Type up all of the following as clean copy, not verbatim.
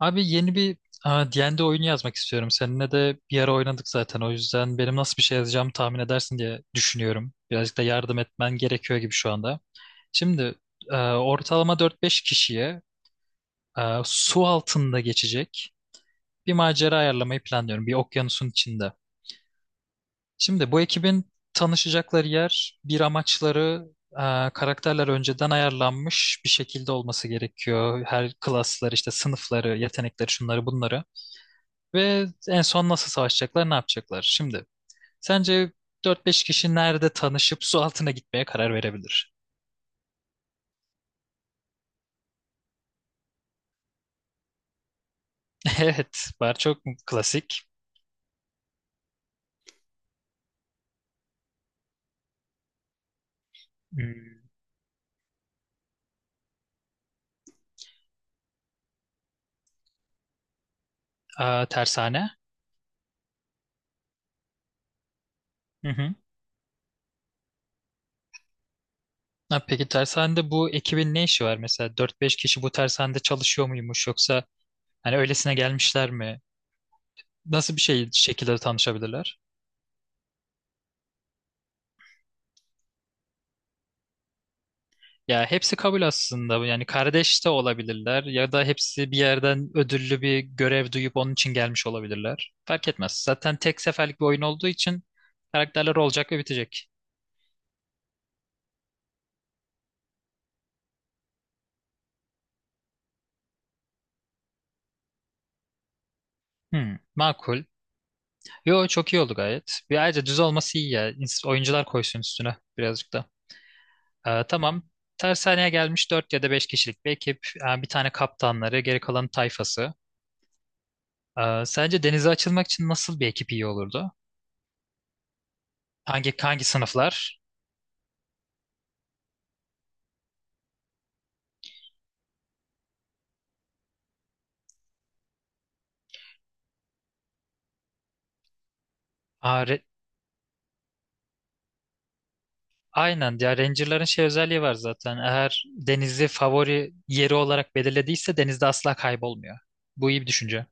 Abi yeni bir e, D&D oyunu yazmak istiyorum. Seninle de bir ara oynadık zaten. O yüzden benim nasıl bir şey yazacağımı tahmin edersin diye düşünüyorum. Birazcık da yardım etmen gerekiyor gibi şu anda. Şimdi ortalama dört beş kişiye su altında geçecek bir macera ayarlamayı planlıyorum. Bir okyanusun içinde. Şimdi bu ekibin tanışacakları yer, bir amaçları, karakterler önceden ayarlanmış bir şekilde olması gerekiyor. Her klaslar işte sınıfları, yetenekleri, şunları bunları. Ve en son nasıl savaşacaklar, ne yapacaklar? Şimdi sence dört beş kişi nerede tanışıp su altına gitmeye karar verebilir? Evet, bar çok klasik. Hmm, aa, tersane. Hı hı. Ha, peki tersanede bu ekibin ne işi var mesela? Dört beş kişi bu tersanede çalışıyor muymuş yoksa hani öylesine gelmişler mi? Nasıl bir şey şekilde tanışabilirler? Ya hepsi kabul aslında. Yani kardeş de olabilirler ya da hepsi bir yerden ödüllü bir görev duyup onun için gelmiş olabilirler. Fark etmez. Zaten tek seferlik bir oyun olduğu için karakterler olacak ve bitecek. Hmm, makul. Yo, çok iyi oldu gayet. Bir ayrıca düz olması iyi ya. Oyuncular koysun üstüne birazcık da. Tamam. Tersaneye gelmiş 4 ya da 5 kişilik bir ekip. Bir tane kaptanları, geri kalan tayfası. Sence denize açılmak için nasıl bir ekip iyi olurdu? Hangi sınıflar? Aynen ya, Ranger'ların şey özelliği var zaten. Eğer denizi favori yeri olarak belirlediyse denizde asla kaybolmuyor. Bu iyi bir düşünce.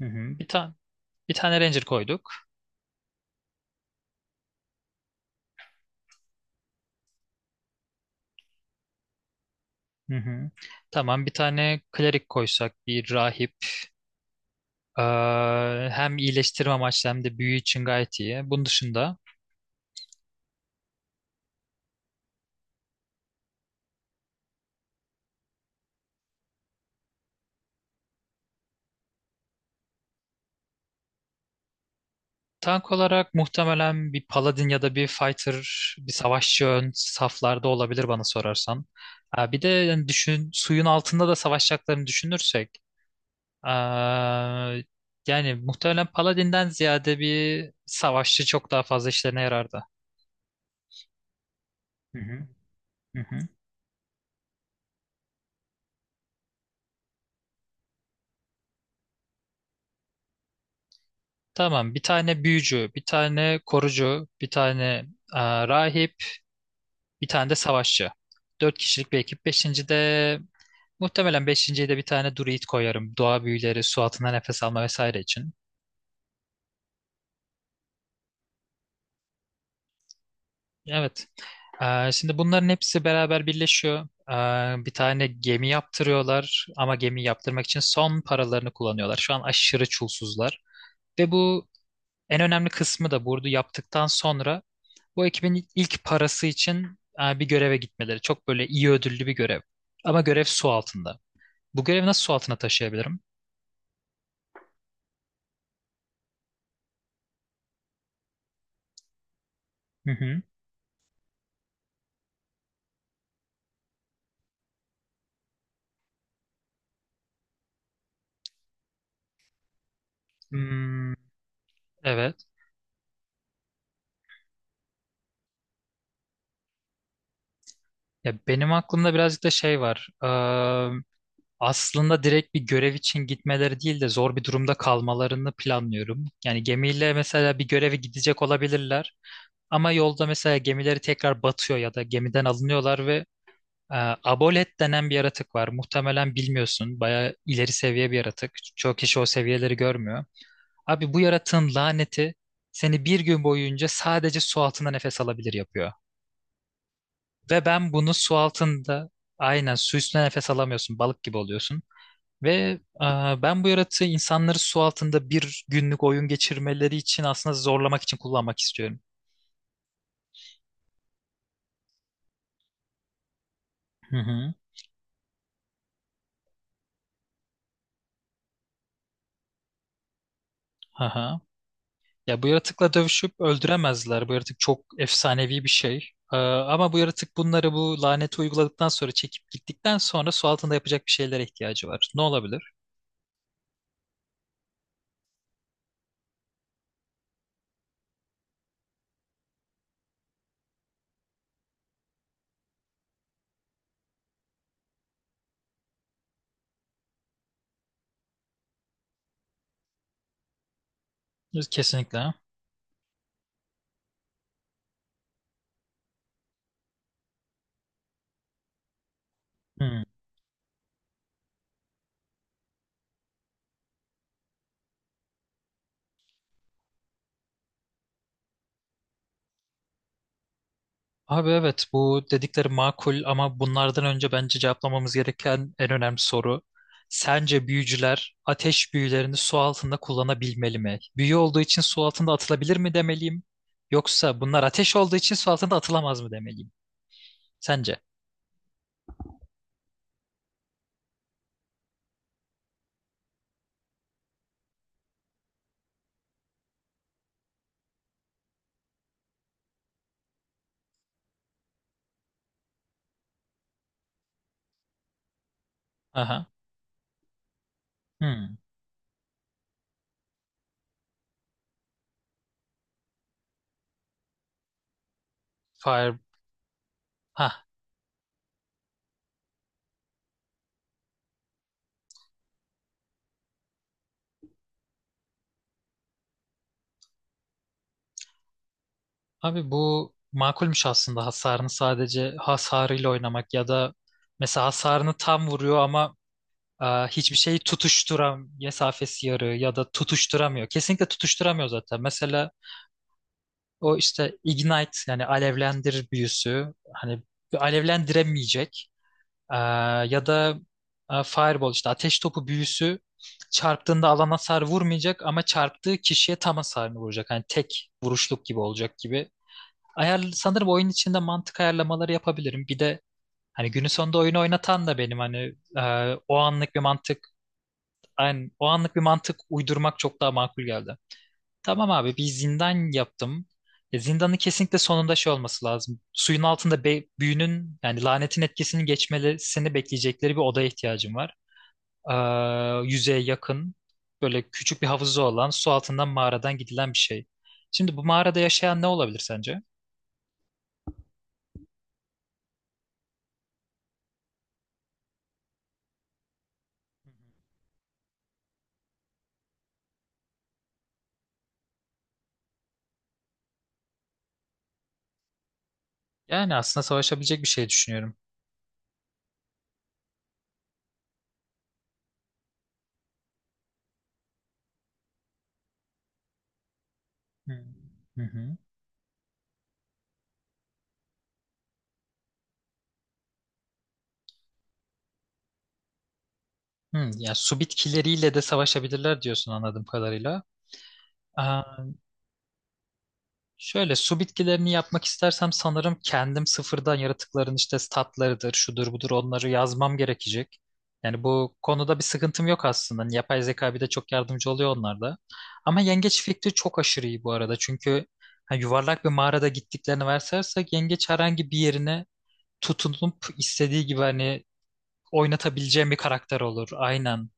Hı hı. Bir tane Ranger koyduk. Hı hı. Tamam, bir tane klerik koysak, bir rahip. Ee, hem iyileştirme amaçlı hem de büyü için gayet iyi. Bunun dışında tank olarak muhtemelen bir paladin ya da bir fighter, bir savaşçı ön saflarda olabilir bana sorarsan. Ha, bir de yani düşün suyun altında da savaşacaklarını düşünürsek. Aa, yani muhtemelen Paladin'den ziyade bir savaşçı çok daha fazla işlerine yarardı. Hı hı. Hı hı. Tamam, bir tane büyücü, bir tane korucu, bir tane aa, rahip, bir tane de savaşçı. Dört kişilik bir ekip. Beşinciye de bir tane druid koyarım. Doğa büyüleri, su altında nefes alma vesaire için. Evet. Şimdi bunların hepsi beraber birleşiyor. Bir tane gemi yaptırıyorlar ama gemi yaptırmak için son paralarını kullanıyorlar. Şu an aşırı çulsuzlar. Ve bu en önemli kısmı da, burada yaptıktan sonra bu ekibin ilk parası için bir göreve gitmeleri. Çok böyle iyi ödüllü bir görev. Ama görev su altında. Bu görevi nasıl su altına taşıyabilirim? Hı hı. Hmm, evet. Ya benim aklımda birazcık da şey var. Aslında direkt bir görev için gitmeleri değil de zor bir durumda kalmalarını planlıyorum. Yani gemiyle mesela bir göreve gidecek olabilirler ama yolda mesela gemileri tekrar batıyor ya da gemiden alınıyorlar ve e, Abolet denen bir yaratık var. Muhtemelen bilmiyorsun. Bayağı ileri seviye bir yaratık. Çok kişi o seviyeleri görmüyor. Abi, bu yaratığın laneti seni bir gün boyunca sadece su altında nefes alabilir yapıyor. Ve ben bunu su altında aynen, su üstünde nefes alamıyorsun. Balık gibi oluyorsun. Ve ben bu yaratığı insanları su altında bir günlük oyun geçirmeleri için aslında zorlamak için kullanmak istiyorum. Hı hı. Aha. Ya, bu yaratıkla dövüşüp öldüremezler. Bu yaratık çok efsanevi bir şey. E, ama bu yaratık bunları, bu laneti uyguladıktan sonra, çekip gittikten sonra su altında yapacak bir şeylere ihtiyacı var. Ne olabilir? Kesinlikle. Hı. Abi evet, bu dedikleri makul ama bunlardan önce bence cevaplamamız gereken en önemli soru. Sence büyücüler ateş büyülerini su altında kullanabilmeli mi? Büyü olduğu için su altında atılabilir mi demeliyim? Yoksa bunlar ateş olduğu için su altında atılamaz mı demeliyim? Sence? Aha. Hmm. Fire. Ha. Abi bu makulmüş aslında, hasarını sadece, hasarıyla oynamak ya da mesela hasarını tam vuruyor ama aa, hiçbir şeyi tutuşturam mesafesi yarı ya da tutuşturamıyor. Kesinlikle tutuşturamıyor zaten. Mesela o işte ignite, yani alevlendir büyüsü, hani alevlendiremeyecek. Aa, ya da aa, fireball işte ateş topu büyüsü çarptığında alana hasar vurmayacak ama çarptığı kişiye tam hasarını vuracak. Hani tek vuruşluk gibi olacak gibi. Ayar, sanırım oyun içinde mantık ayarlamaları yapabilirim. Bir de hani günün sonunda oyunu oynatan da benim hani, o anlık bir mantık. Aynen. O anlık bir mantık uydurmak çok daha makul geldi. Tamam abi, bir zindan yaptım. E, zindanın kesinlikle sonunda şey olması lazım. Suyun altında büyünün, yani lanetin etkisini geçmesini bekleyecekleri bir odaya ihtiyacım var. Yüzeye yakın böyle küçük bir havuzu olan, su altından mağaradan gidilen bir şey. Şimdi bu mağarada yaşayan ne olabilir sence? Yani aslında savaşabilecek bir şey düşünüyorum. Hmm. Hı hı. Hmm, yani su bitkileriyle de savaşabilirler diyorsun anladığım kadarıyla. Aa, şöyle, su bitkilerini yapmak istersem sanırım kendim sıfırdan yaratıkların işte statlarıdır, şudur budur, onları yazmam gerekecek. Yani bu konuda bir sıkıntım yok aslında. Hani yapay zeka bir de çok yardımcı oluyor onlarda. Ama yengeç fikri çok aşırı iyi bu arada. Çünkü ha, yuvarlak bir mağarada gittiklerini varsasak yengeç herhangi bir yerine tutunup istediği gibi hani oynatabileceğim bir karakter olur. Aynen.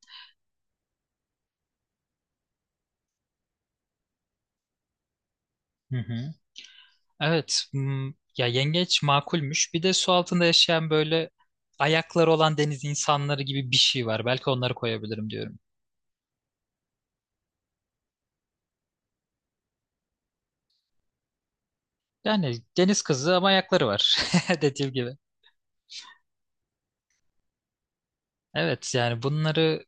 Hı hı. Evet. Hmm, ya yengeç makulmüş. Bir de su altında yaşayan böyle ayakları olan deniz insanları gibi bir şey var. Belki onları koyabilirim diyorum. Yani deniz kızı ama ayakları var. Dediğim gibi. Evet, yani bunları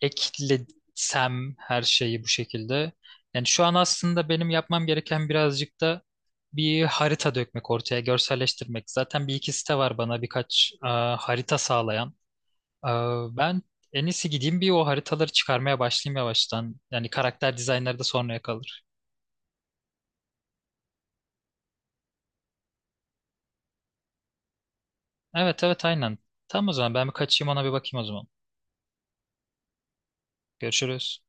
eklesem her şeyi bu şekilde. Yani şu an aslında benim yapmam gereken birazcık da bir harita dökmek ortaya, görselleştirmek. Zaten bir iki site var bana birkaç harita sağlayan. Ee, Ben en iyisi gideyim bir, o haritaları çıkarmaya başlayayım yavaştan. Yani karakter dizaynları da sonraya kalır. Evet evet, aynen. Tamam, o zaman ben bir kaçayım ona bir bakayım o zaman. Görüşürüz.